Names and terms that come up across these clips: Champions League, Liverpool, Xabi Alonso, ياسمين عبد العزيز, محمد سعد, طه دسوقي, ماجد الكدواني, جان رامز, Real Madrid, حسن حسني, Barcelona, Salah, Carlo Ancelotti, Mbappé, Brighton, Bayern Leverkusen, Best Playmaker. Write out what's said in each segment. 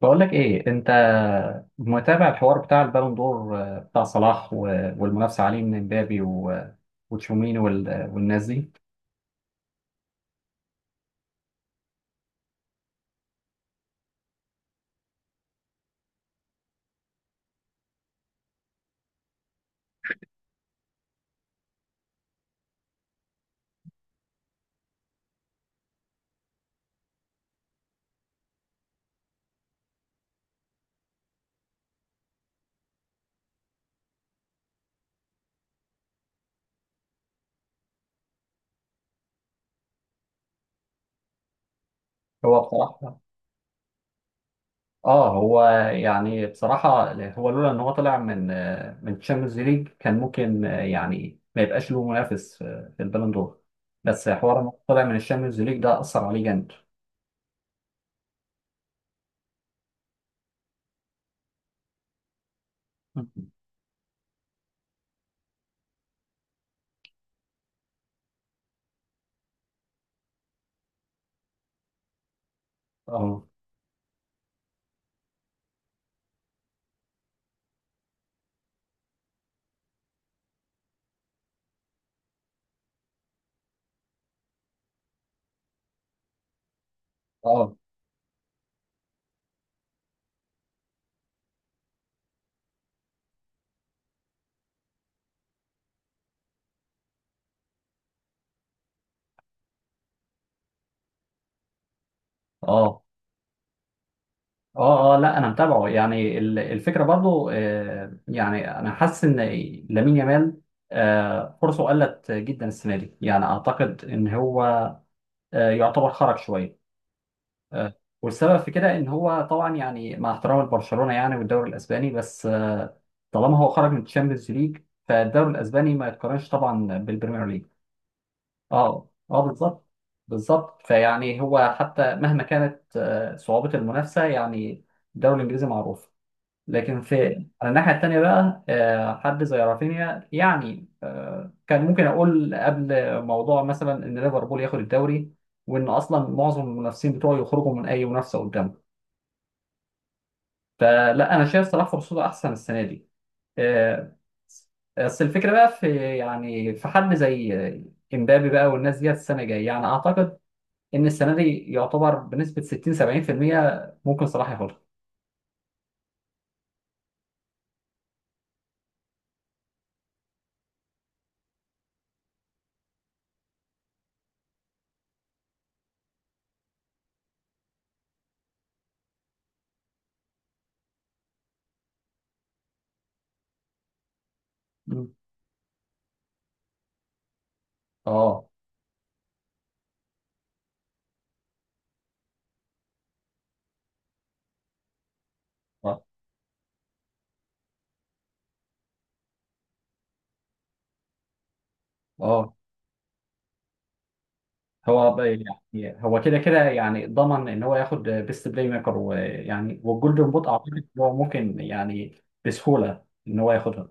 بقول لك ايه انت؟ متابع الحوار بتاع البالون دور، بتاع صلاح والمنافسه عليه من امبابي وتشوميني والناس دي. هو بصراحه اه هو، يعني بصراحه هو لولا ان هو طلع من من تشامبيونز ليج كان ممكن، يعني ما يبقاش له منافس في البالون دور. بس حوار ان هو طلع من الشامبيونز ليج ده اثر عليه جامد. اه، اه، اه، اه، اه، لا انا متابعه، يعني الفكره برضو، يعني انا حاسس ان لامين يامال فرصه قلت جدا السنه دي، يعني اعتقد ان هو يعتبر خرج شويه. آه، والسبب في كده ان هو طبعا يعني، مع احترام البرشلونه يعني والدوري الاسباني، بس طالما هو خرج من الشامبيونز ليج، فالدوري الاسباني ما يتقارنش طبعا بالبريمير ليج. اه اه، بالظبط بالظبط. فيعني هو حتى مهما كانت صعوبه المنافسه، يعني الدوري الانجليزي معروف، لكن في على الناحية التانية بقى حد زي رافينيا يعني، كان ممكن أقول قبل، موضوع مثلا إن ليفربول ياخد الدوري وإن أصلا معظم المنافسين بتوعه يخرجوا من أي منافسة قدامه. فلا، أنا شايف صلاح فرصته أحسن السنة دي. آه، بس الفكرة بقى في، يعني في حد زي امبابي بقى والناس ديت السنة الجاية، يعني أعتقد إن السنة دي يعتبر بنسبة 60 70% ممكن صلاح ياخدها. مم. اه اه، هو يعني هو كده كده، يعني ضمن ان هو ياخد بيست بلاي ميكر، ويعني والجولدن بوت اعتقد إن هو ممكن يعني بسهوله ان هو ياخدها.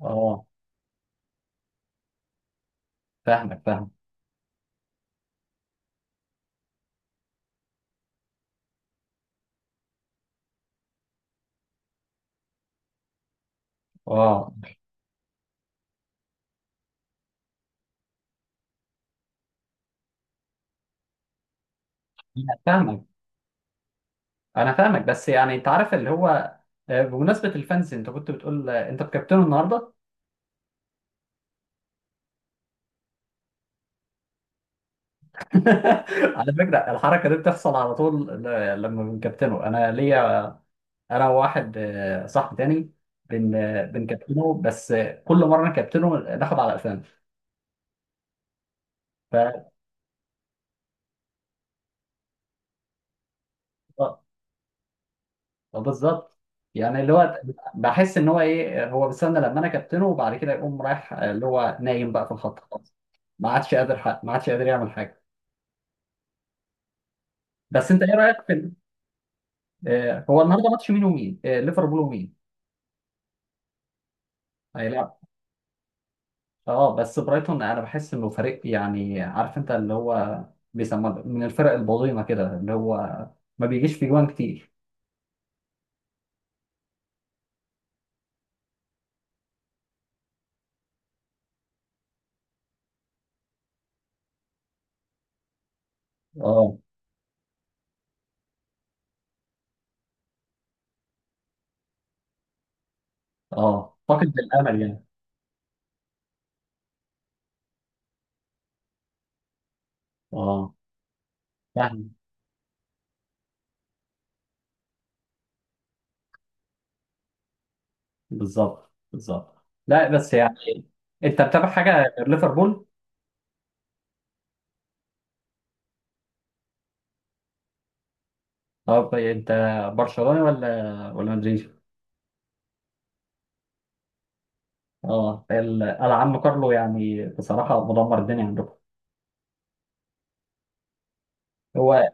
اه، فاهمك فاهم. اه، أنا فاهمك بس يعني انت عارف اللي هو، بمناسبه الفانز انت كنت بتقول، انت بكابتنه النهارده. على فكره الحركه دي بتحصل على طول، لما بنكابتنه انا، ليا انا وواحد صاحبي تاني، بن آه، بنكابتنه، بس كل مره نكابتنه ناخد على قفانا. بالظبط، يعني اللي هو بحس ان هو ايه، هو بيستنى لما انا كابتنه وبعد كده يقوم رايح، اللي هو نايم بقى في الخط خالص، ما عادش قادر حق. ما عادش قادر يعمل حاجه. بس انت ايه رايك في هو النهارده ماتش مين ومين، ليفربول ومين هيلعب؟ اه، بس برايتون انا بحس انه فريق، يعني عارف انت اللي هو بيسموه من الفرق البظيمه كده، اللي هو ما بيجيش في جوان كتير. اه اه، فاقد الامل يعني. اه يعني بالظبط بالظبط. لا بس يعني، انت بتابع حاجه غير ليفربول؟ طب انت برشلوني ولا مدريدي؟ اه، العم كارلو يعني بصراحه مدمر الدنيا عندكم. هو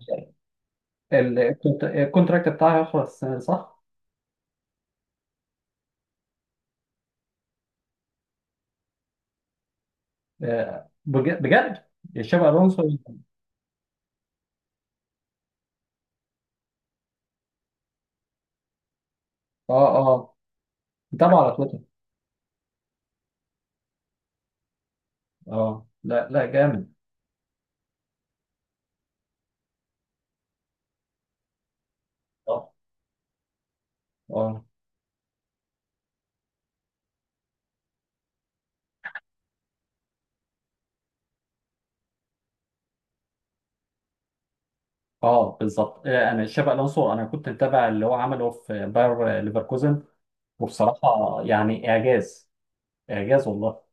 الكونتراكت بتاعه هيخلص السنه دي صح؟ بجد شابي الونسو؟ اه اه، متابعه على تويتر. اه لا لا، جامد. اه اه اه، بالظبط. انا شابي الونسو، انا كنت متابع اللي هو عمله في باير ليفركوزن، وبصراحه يعني اعجاز، اعجاز والله.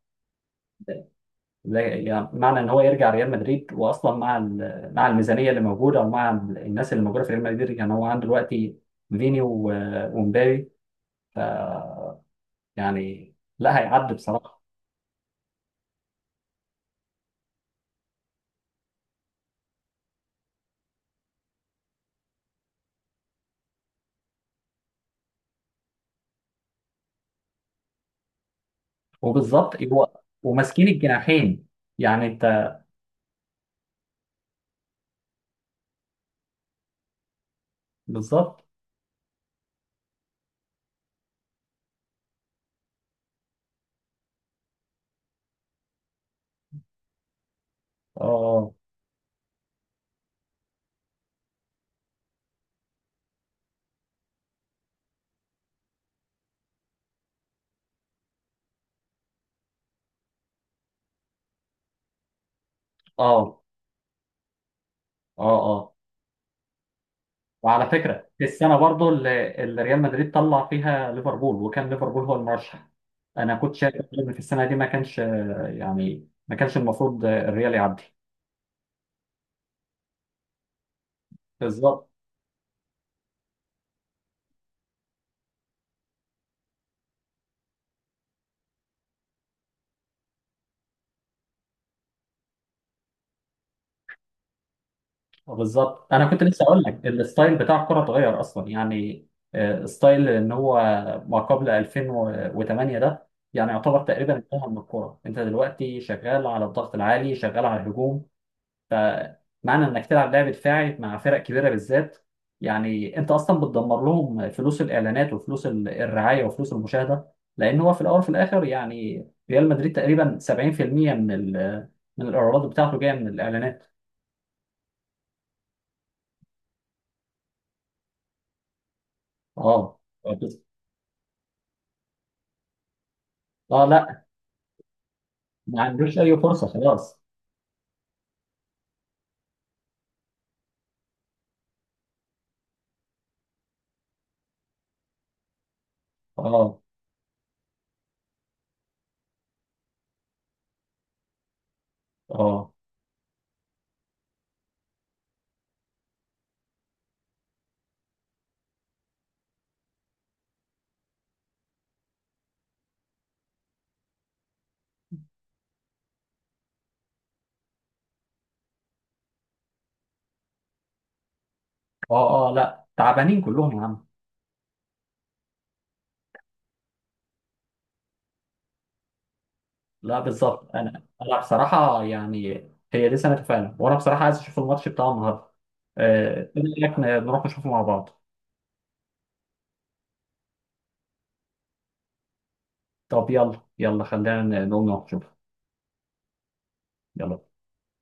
يعني، معنى ان هو يرجع ريال مدريد، واصلا مع مع الميزانيه اللي موجوده، او مع الناس اللي موجوده في ريال مدريد، يعني هو عنده دلوقتي فيني ومبابي. ف يعني، لا هيعدي بصراحه. وبالظبط هو وماسكين الجناحين، يعني انت، بالظبط. اه اه اه اه. وعلى فكره في السنه برضو اللي ريال مدريد طلع فيها ليفربول، وكان ليفربول هو المرشح، انا كنت شايف ان في السنه دي ما كانش، يعني ما كانش المفروض الريال يعدي. بالظبط بالظبط. انا كنت لسه اقول لك، الستايل بتاع الكره اتغير اصلا يعني، ستايل ان هو ما قبل 2008 ده يعني يعتبر تقريبا انتهى من الكره. انت دلوقتي شغال على الضغط العالي، شغال على الهجوم. فمعنى انك تلعب لعب دفاعي مع فرق كبيره بالذات، يعني انت اصلا بتدمر لهم فلوس الاعلانات وفلوس الرعايه وفلوس المشاهده، لان هو في الاول وفي الاخر يعني ريال مدريد تقريبا 70% من من الايرادات بتاعته جايه من الاعلانات. اه اه، لا ما عندوش اي فرصه خلاص. اه اه اه اه، لا تعبانين كلهم يا عم. لا بالظبط، انا بصراحه يعني هي دي سنه فعلا. وانا بصراحه عايز اشوف الماتش بتاع النهارده. ايه رايك نروح نشوفه مع بعض؟ طب يلا يلا، خلينا نقوم نروح نشوفه. يلا.